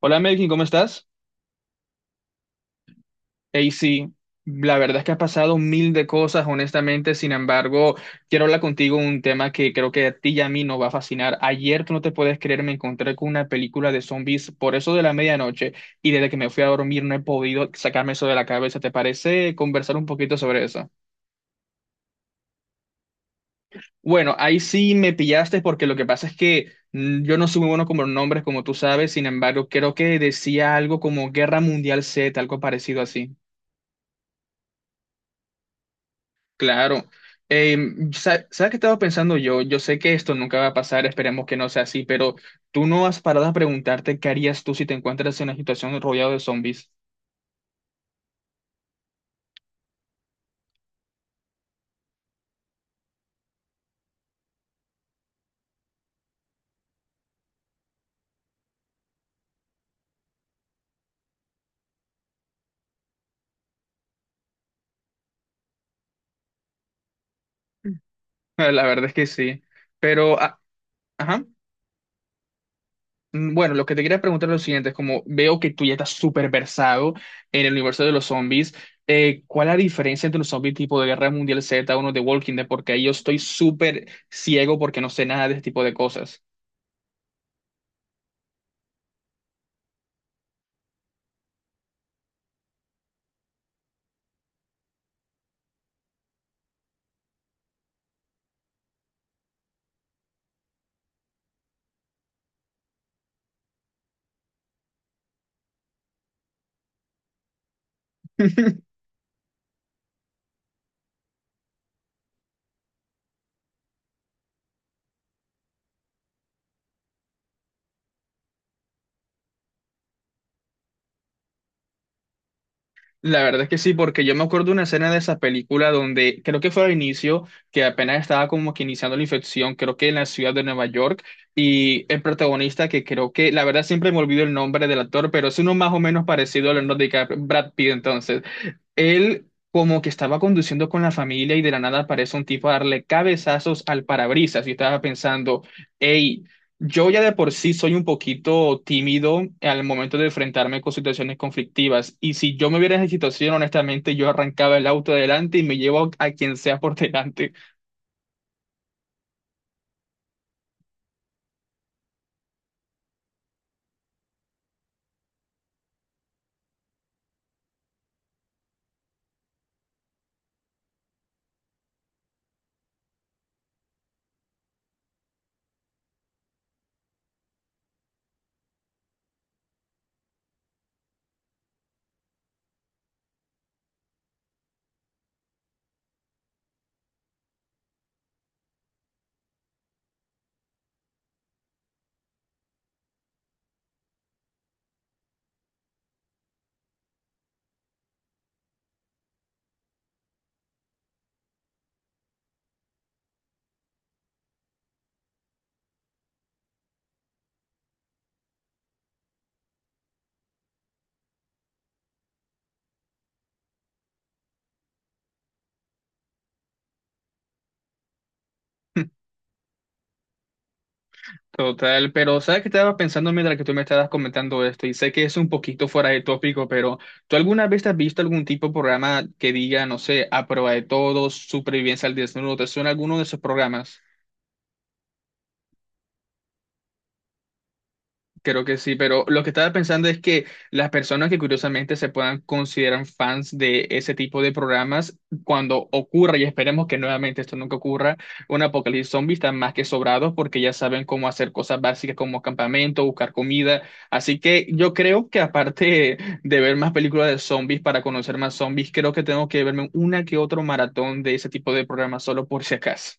Hola Melkin, ¿cómo estás? Hey, sí, la verdad es que has pasado mil de cosas, honestamente. Sin embargo, quiero hablar contigo un tema que creo que a ti y a mí nos va a fascinar. Ayer, tú no te puedes creer, me encontré con una película de zombies por eso de la medianoche y desde que me fui a dormir no he podido sacarme eso de la cabeza. ¿Te parece conversar un poquito sobre eso? Bueno, ahí sí me pillaste porque lo que pasa es que yo no soy muy bueno con los nombres, como tú sabes. Sin embargo, creo que decía algo como Guerra Mundial Z, algo parecido así. Claro. ¿Sabes qué estaba pensando yo? Yo sé que esto nunca va a pasar, esperemos que no sea así, pero tú no has parado a preguntarte qué harías tú si te encuentras en una situación rodeado de zombies. La verdad es que sí. Pero, ah, ajá. Bueno, lo que te quería preguntar es lo siguiente, es como veo que tú ya estás súper versado en el universo de los zombies. ¿Cuál es la diferencia entre los zombie tipo de Guerra Mundial Z o uno de Walking Dead? Porque ahí yo estoy súper ciego porque no sé nada de este tipo de cosas. La verdad es que sí, porque yo me acuerdo de una escena de esa película donde creo que fue al inicio, que apenas estaba como que iniciando la infección, creo que en la ciudad de Nueva York, y el protagonista que creo que, la verdad siempre me olvido el nombre del actor, pero es uno más o menos parecido a Leonardo DiCaprio, Brad Pitt entonces, él como que estaba conduciendo con la familia y de la nada aparece un tipo a darle cabezazos al parabrisas y estaba pensando, hey, yo ya de por sí soy un poquito tímido al momento de enfrentarme con situaciones conflictivas y si yo me viera en esa situación, honestamente, yo arrancaba el auto adelante y me llevo a quien sea por delante. Total, pero sabes que estaba pensando mientras que tú me estabas comentando esto y sé que es un poquito fuera de tópico, pero ¿tú alguna vez has visto algún tipo de programa que diga, no sé, a prueba de todo, supervivencia al desnudo? ¿Te suena alguno de esos programas? Creo que sí, pero lo que estaba pensando es que las personas que curiosamente se puedan considerar fans de ese tipo de programas, cuando ocurra, y esperemos que nuevamente esto nunca ocurra, un apocalipsis zombie están más que sobrados porque ya saben cómo hacer cosas básicas como campamento, buscar comida. Así que yo creo que aparte de ver más películas de zombies para conocer más zombies, creo que tengo que verme una que otro maratón de ese tipo de programas solo por si acaso.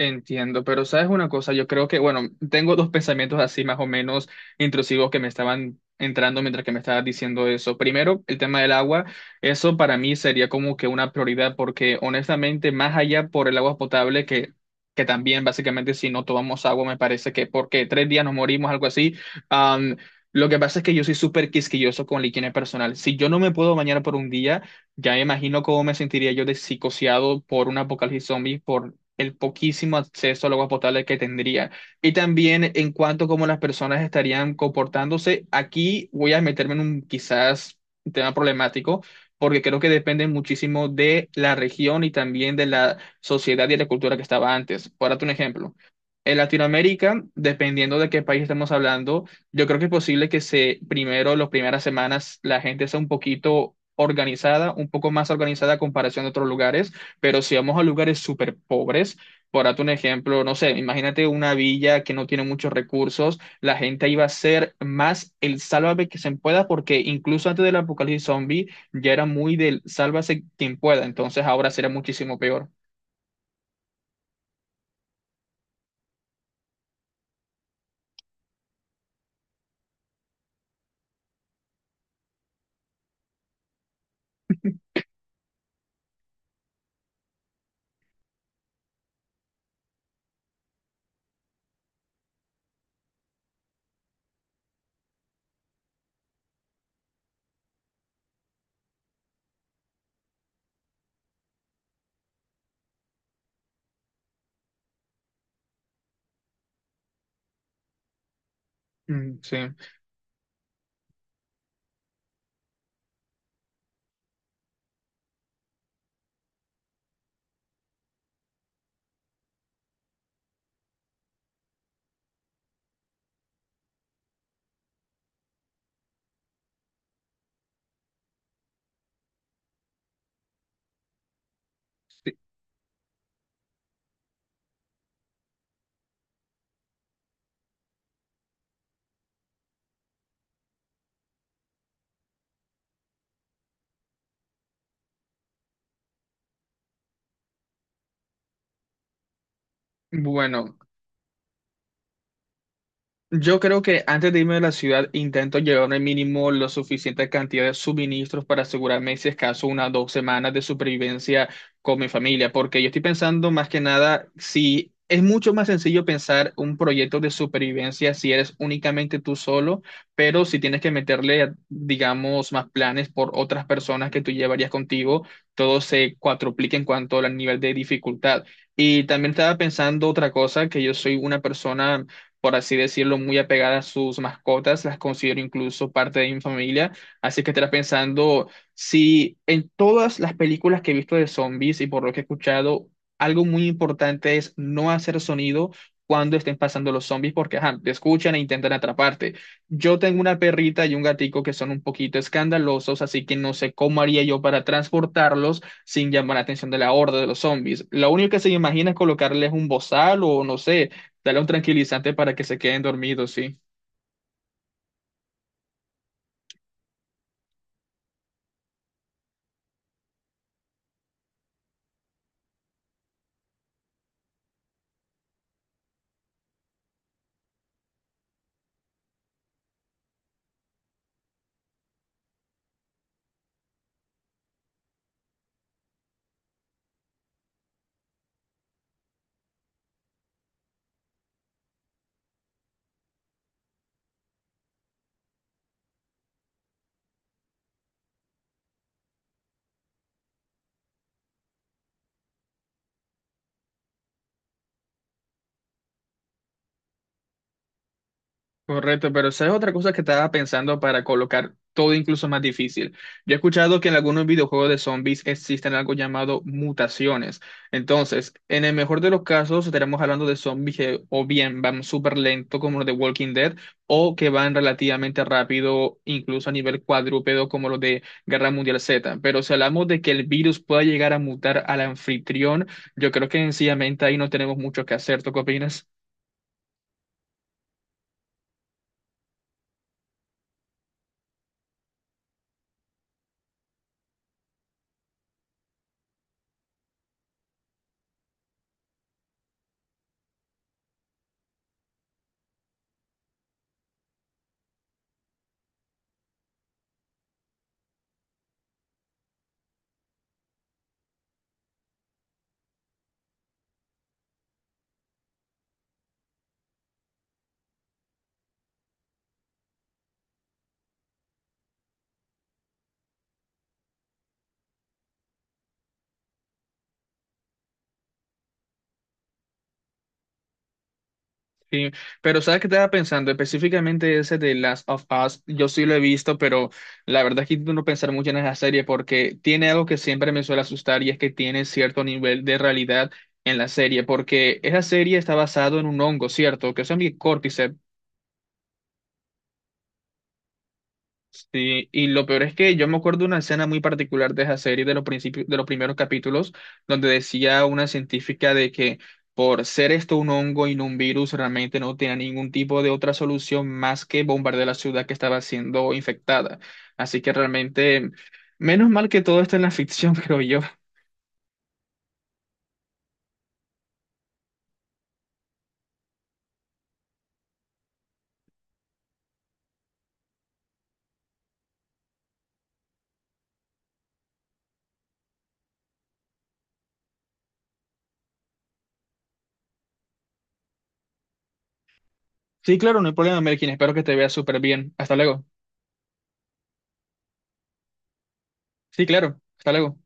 Entiendo, pero sabes una cosa, yo creo que, bueno, tengo dos pensamientos así más o menos intrusivos que me estaban entrando mientras que me estabas diciendo eso. Primero, el tema del agua, eso para mí sería como que una prioridad porque honestamente, más allá por el agua potable que también básicamente si no tomamos agua me parece que porque 3 días nos morimos, algo así. am, lo que pasa es que yo soy súper quisquilloso con la higiene personal. Si yo no me puedo bañar por un día, ya me imagino cómo me sentiría yo de psicoseado por un apocalipsis zombie por el poquísimo acceso al agua potable que tendría. Y también en cuanto a cómo las personas estarían comportándose, aquí voy a meterme en un quizás tema problemático, porque creo que depende muchísimo de la región y también de la sociedad y de la cultura que estaba antes. Por darte un ejemplo. En Latinoamérica, dependiendo de qué país estamos hablando, yo creo que es posible que se, primero, las primeras semanas, la gente sea un poquito organizada, un poco más organizada a comparación de otros lugares pero si vamos a lugares súper pobres, por darte un ejemplo, no sé, imagínate una villa que no tiene muchos recursos, la gente iba a ser más el sálvame que se pueda, porque incluso antes del apocalipsis zombie ya era muy del sálvase quien pueda, entonces ahora será muchísimo peor. Mm, sí. Sí. Bueno. Yo creo que antes de irme de la ciudad intento llevarme mínimo la suficiente cantidad de suministros para asegurarme, si es caso, unas 2 semanas de supervivencia con mi familia, porque yo estoy pensando más que nada si es mucho más sencillo pensar un proyecto de supervivencia si eres únicamente tú solo, pero si tienes que meterle, digamos, más planes por otras personas que tú llevarías contigo, todo se cuatruplica en cuanto al nivel de dificultad. Y también estaba pensando otra cosa, que yo soy una persona por así decirlo, muy apegada a sus mascotas, las considero incluso parte de mi familia, así que estarás pensando si en todas las películas que he visto de zombies y por lo que he escuchado, algo muy importante es no hacer sonido cuando estén pasando los zombies porque ajá, te escuchan e intentan atraparte. Yo tengo una perrita y un gatico que son un poquito escandalosos, así que no sé cómo haría yo para transportarlos sin llamar la atención de la horda de los zombies. Lo único que se me imagina es colocarles un bozal o no sé, dale un tranquilizante para que se queden dormidos, sí. Correcto, pero ¿sabes otra cosa que estaba pensando para colocar todo incluso más difícil? Yo he escuchado que en algunos videojuegos de zombies existen algo llamado mutaciones. Entonces, en el mejor de los casos, estaremos hablando de zombies que o bien van súper lento como los de Walking Dead, o que van relativamente rápido, incluso a nivel cuadrúpedo como los de Guerra Mundial Z. Pero si hablamos de que el virus pueda llegar a mutar al anfitrión, yo creo que sencillamente ahí no tenemos mucho que hacer. ¿Tú qué opinas? Sí, pero ¿sabes qué estaba pensando? Específicamente ese de Last of Us, yo sí lo he visto, pero la verdad es que intento no pensar mucho en esa serie porque tiene algo que siempre me suele asustar y es que tiene cierto nivel de realidad en la serie, porque esa serie está basado en un hongo, ¿cierto? Que es el... Sí, y lo peor es que yo me acuerdo de una escena muy particular de esa serie, de los principios, de los primeros capítulos, donde decía una científica de que por ser esto un hongo y no un virus, realmente no tenía ningún tipo de otra solución más que bombardear la ciudad que estaba siendo infectada. Así que realmente, menos mal que todo esto en la ficción, creo yo. Sí, claro, no hay problema, Melkin. Espero que te veas súper bien. Hasta luego. Sí, claro. Hasta luego.